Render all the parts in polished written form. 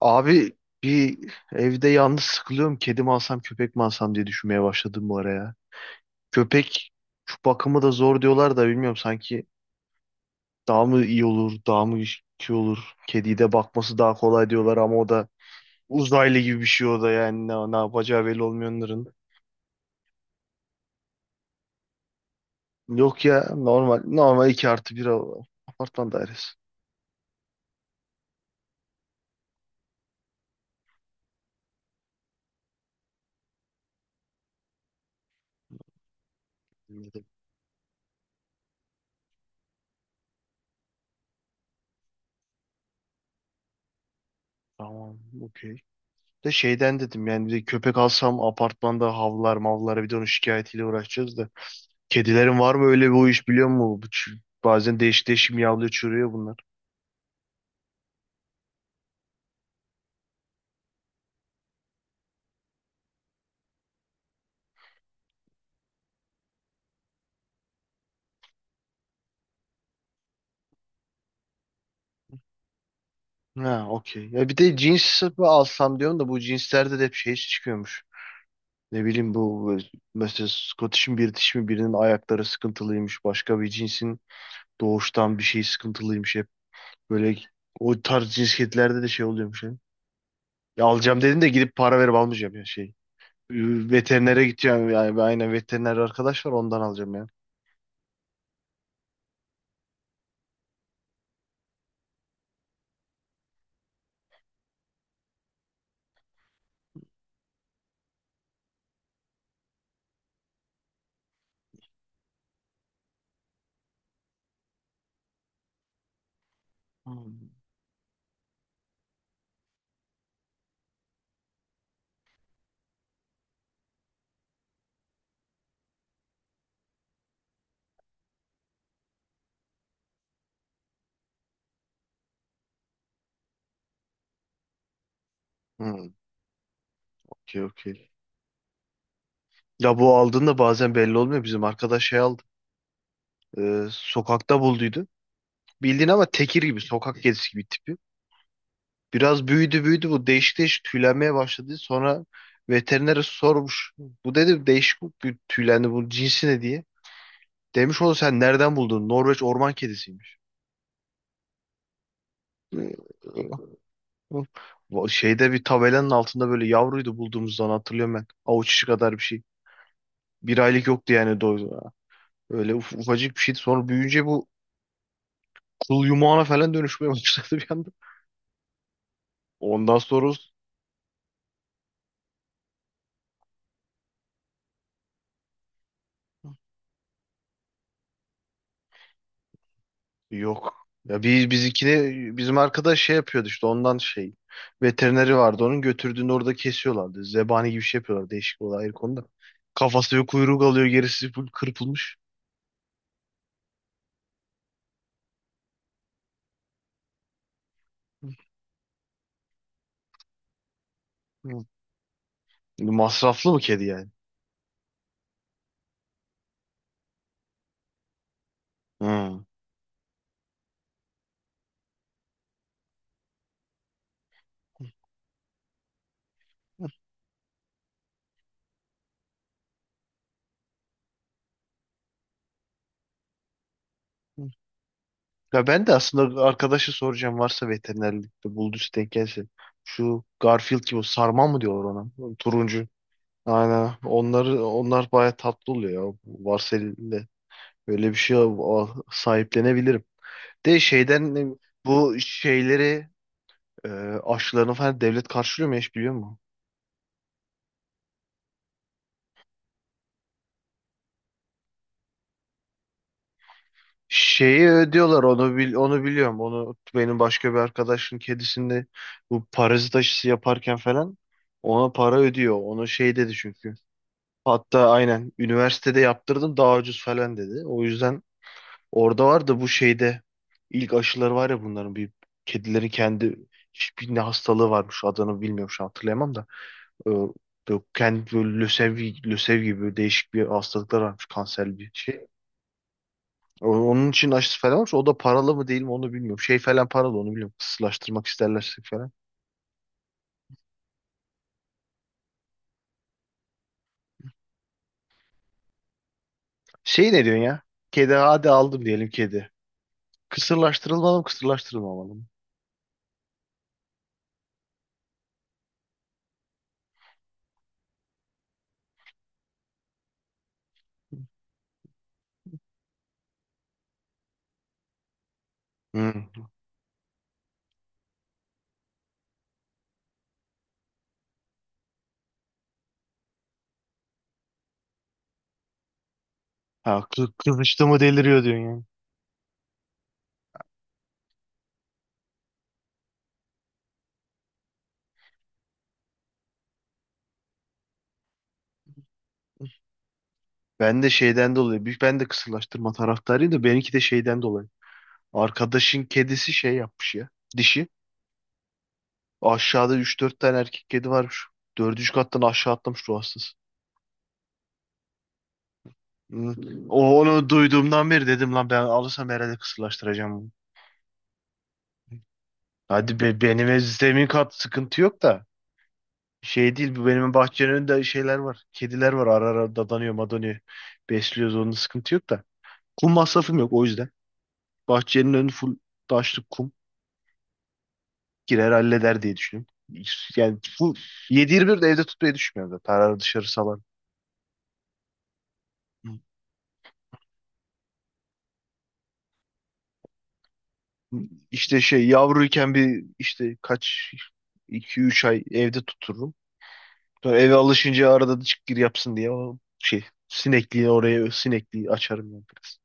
Abi bir evde yalnız sıkılıyorum. Kedi mi alsam köpek mi alsam diye düşünmeye başladım bu ara ya. Köpek şu bakımı da zor diyorlar da bilmiyorum sanki daha mı iyi olur. Kediyi de bakması daha kolay diyorlar ama o da uzaylı gibi bir şey o da yani ne yapacağı belli olmuyor onların. Yok ya normal 2 artı 1 apartman dairesi. Anladım. Tamam, okey. De şeyden dedim yani bir de köpek alsam apartmanda havlar mavlara bir de onun şikayetiyle uğraşacağız da. Kedilerin var mı öyle bir iş biliyor musun? Bazen değişik miyavlıyor çürüyor bunlar. Ha, okey. Ya bir de cins mi alsam diyorum da bu cinslerde de hep şey çıkıyormuş. Ne bileyim mesela Scottish'in bir dişi mi birinin ayakları sıkıntılıymış. Başka bir cinsin doğuştan bir şey sıkıntılıymış. Hep böyle o tarz cins kedilerde de şey oluyormuş. Ya, ya alacağım dedim de gidip para verip almayacağım ya şey. Veterinere gideceğim yani. Aynen, veteriner arkadaş var ondan alacağım ya. Hmm. Hmm, okey, okey. Ya bu aldığında bazen belli olmuyor. Bizim arkadaş şey aldı. Sokakta bulduydu. Bildiğin ama tekir gibi sokak kedisi gibi tipi. Biraz büyüdü bu değişik tüylenmeye başladı. Sonra veterinere sormuş. Bu dedi değişik bir tüylendi bu cinsi ne diye. Demiş oğlum sen nereden buldun? Norveç orman kedisiymiş. Bu şeyde bir tabelanın altında böyle yavruydu bulduğumuzdan hatırlıyorum ben. Avuç içi kadar bir şey. Bir aylık yoktu yani doydu. Ufacık bir şeydi. Sonra büyüyünce bu kıl yumağına falan dönüşmeye başladı bir anda. Ondan sonra yok. Ya biz bizikine bizim arkadaş şey yapıyordu işte ondan şey. Veterineri vardı onun götürdüğünde orada kesiyorlardı. Zebani gibi şey yapıyorlar değişik olay ayrı konuda. Kafası ve kuyruğu kalıyor gerisi full kırpılmış. Hı. Masraflı mı kedi yani? Hı. Ya ben de aslında arkadaşı soracağım varsa veterinerlikte bulduysa denk gelse. Şu Garfield gibi o sarmal mı diyorlar ona? Turuncu. Aynen. Onlar bayağı tatlı oluyor ya. Varsel'de böyle sahiplenebilirim. De şeyden ne- Bu şeyleri e, aşılarını falan devlet karşılıyor mu hiç biliyor musun? Şeyi ödüyorlar onu biliyorum. Onu benim başka bir arkadaşın kedisinde bu parazit aşısı yaparken falan ona para ödüyor. Onu şey dedi çünkü. Hatta aynen üniversitede yaptırdım daha ucuz falan dedi. O yüzden orada var da bu şeyde ilk aşıları var ya bunların bir kedilerin kendi hiçbir ne hastalığı varmış adını bilmiyorum şu an hatırlayamam da. Ee, Böyle kendi böyle lösev gibi böyle değişik bir hastalıklar varmış kanser bir şey. Onun için aşısı falan varmış. O da paralı mı değil mi onu bilmiyorum. Şey falan paralı onu bilmiyorum. Kısırlaştırmak isterlerse falan. Şey ne diyorsun ya? Kedi hadi aldım diyelim kedi. Kısırlaştırılmalı mı kısırlaştırılmamalı mı? Hı. Ha, kızıştı mı deliriyor diyorsun yani. Ben de şeyden dolayı. Büyük- Ben de kısırlaştırma taraftarıyım da benimki de şeyden dolayı. Arkadaşın kedisi şey yapmış ya. Dişi. Aşağıda üç dört tane erkek kedi varmış. Dördüncü kattan aşağı atlamış ruh hastası. Hı. Onu duyduğumdan beri dedim lan ben alırsam herhalde kısırlaştıracağım bunu. Hadi be, zemin kat sıkıntı yok da. Şey değil bu benim bahçenin önünde şeyler var. Kediler var ara ara dadanıyor madanıyor. Besliyoruz onun sıkıntı yok da. Kum masrafım yok o yüzden. Bahçenin önü full taşlık kum. Girer halleder diye düşünüyorum. Yani bu 7-24 de evde tutmayı düşünmüyorum da. Tararı dışarı salan. İşte şey yavruyken bir işte kaç iki üç ay evde tuturum. Sonra eve alışınca arada da çık gir yapsın diye o şey sinekliği oraya sinekliği açarım yani biraz.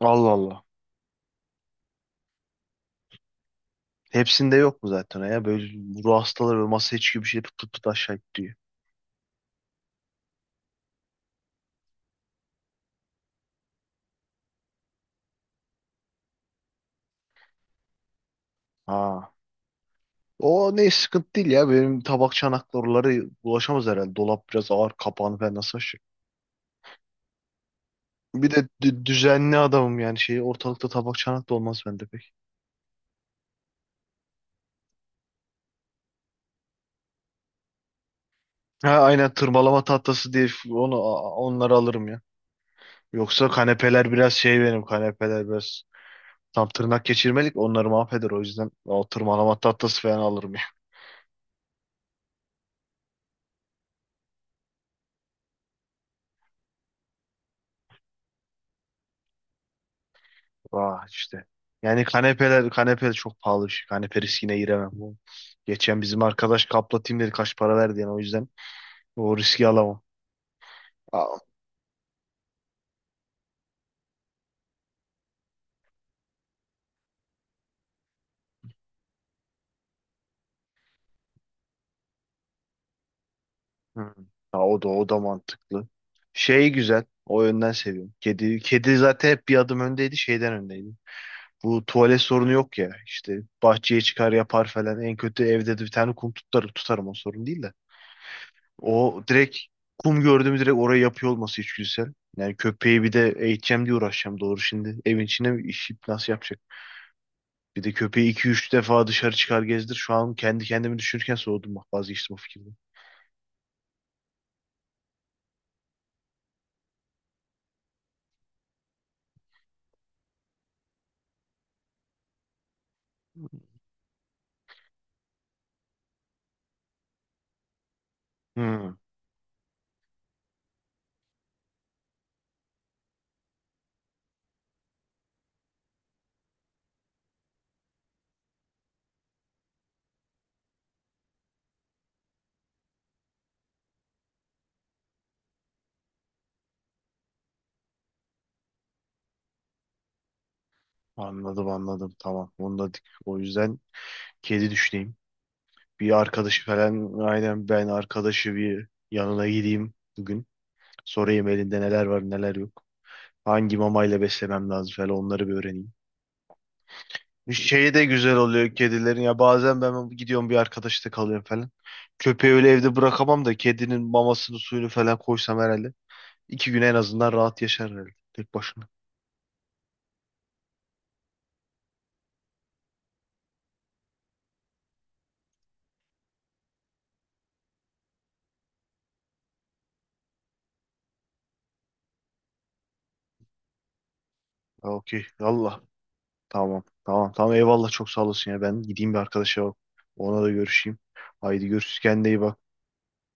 Allah Allah. Hepsinde yok mu zaten ya? Böyle ruh hastaları böyle masaya çıkıyor bir şey pıt pıt pıt aşağı gidiyor. Ha. O ne sıkıntı değil ya. Benim tabak çanaklar ulaşamaz herhalde. Dolap biraz ağır kapağını ben nasıl. Bir de düzenli adamım yani şey ortalıkta tabak çanak da olmaz bende pek. Ha aynen, tırmalama tahtası diye f- onu a- onları alırım ya. Yoksa kanepeler biraz şey benim kanepeler biraz tam tırnak geçirmelik onları mahveder o yüzden o tırmalama tahtası falan alırım ya. Vah işte. Yani kanepe çok pahalı bir şey. Kanepe riskine giremem. Geçen bizim arkadaş kaplatayım dedi kaç para verdi yani o yüzden o riski alamam. Hı. Ha, o da mantıklı. Şey güzel. O yönden seviyorum. Kedi zaten hep bir adım öndeydi, şeyden öndeydi. Bu tuvalet sorunu yok ya. İşte bahçeye çıkar yapar falan. En kötü evde de bir tane kum tutarım, tutarım o sorun değil de. O direkt kum gördüğümü direkt oraya yapıyor olması içgüdüsel. Yani köpeği bir de eğiteceğim diye uğraşacağım doğru şimdi. Evin içine mi işi nasıl yapacak? Bir de köpeği iki üç defa dışarı çıkar gezdir. Şu an kendi kendimi düşünürken soğudum bak vazgeçtim o fikirden. Hı. Anladım tamam. O yüzden kedi düşüneyim. Bir arkadaşı falan aynen ben arkadaşı bir yanına gideyim bugün. Sorayım elinde neler var neler yok. Hangi mamayla beslemem lazım falan onları bir öğreneyim. Bir şey de güzel oluyor kedilerin ya bazen ben gidiyorum bir arkadaşta kalıyorum falan. Köpeği öyle evde bırakamam da kedinin mamasını suyunu falan koysam herhalde iki gün en azından rahat yaşar herhalde tek başına. Ha, okey. Allah. Tamam. Tamam. Tamam eyvallah çok sağ olasın ya. Ben gideyim bir arkadaşa ona da görüşeyim. Haydi görüşürüz. Kendine iyi bak.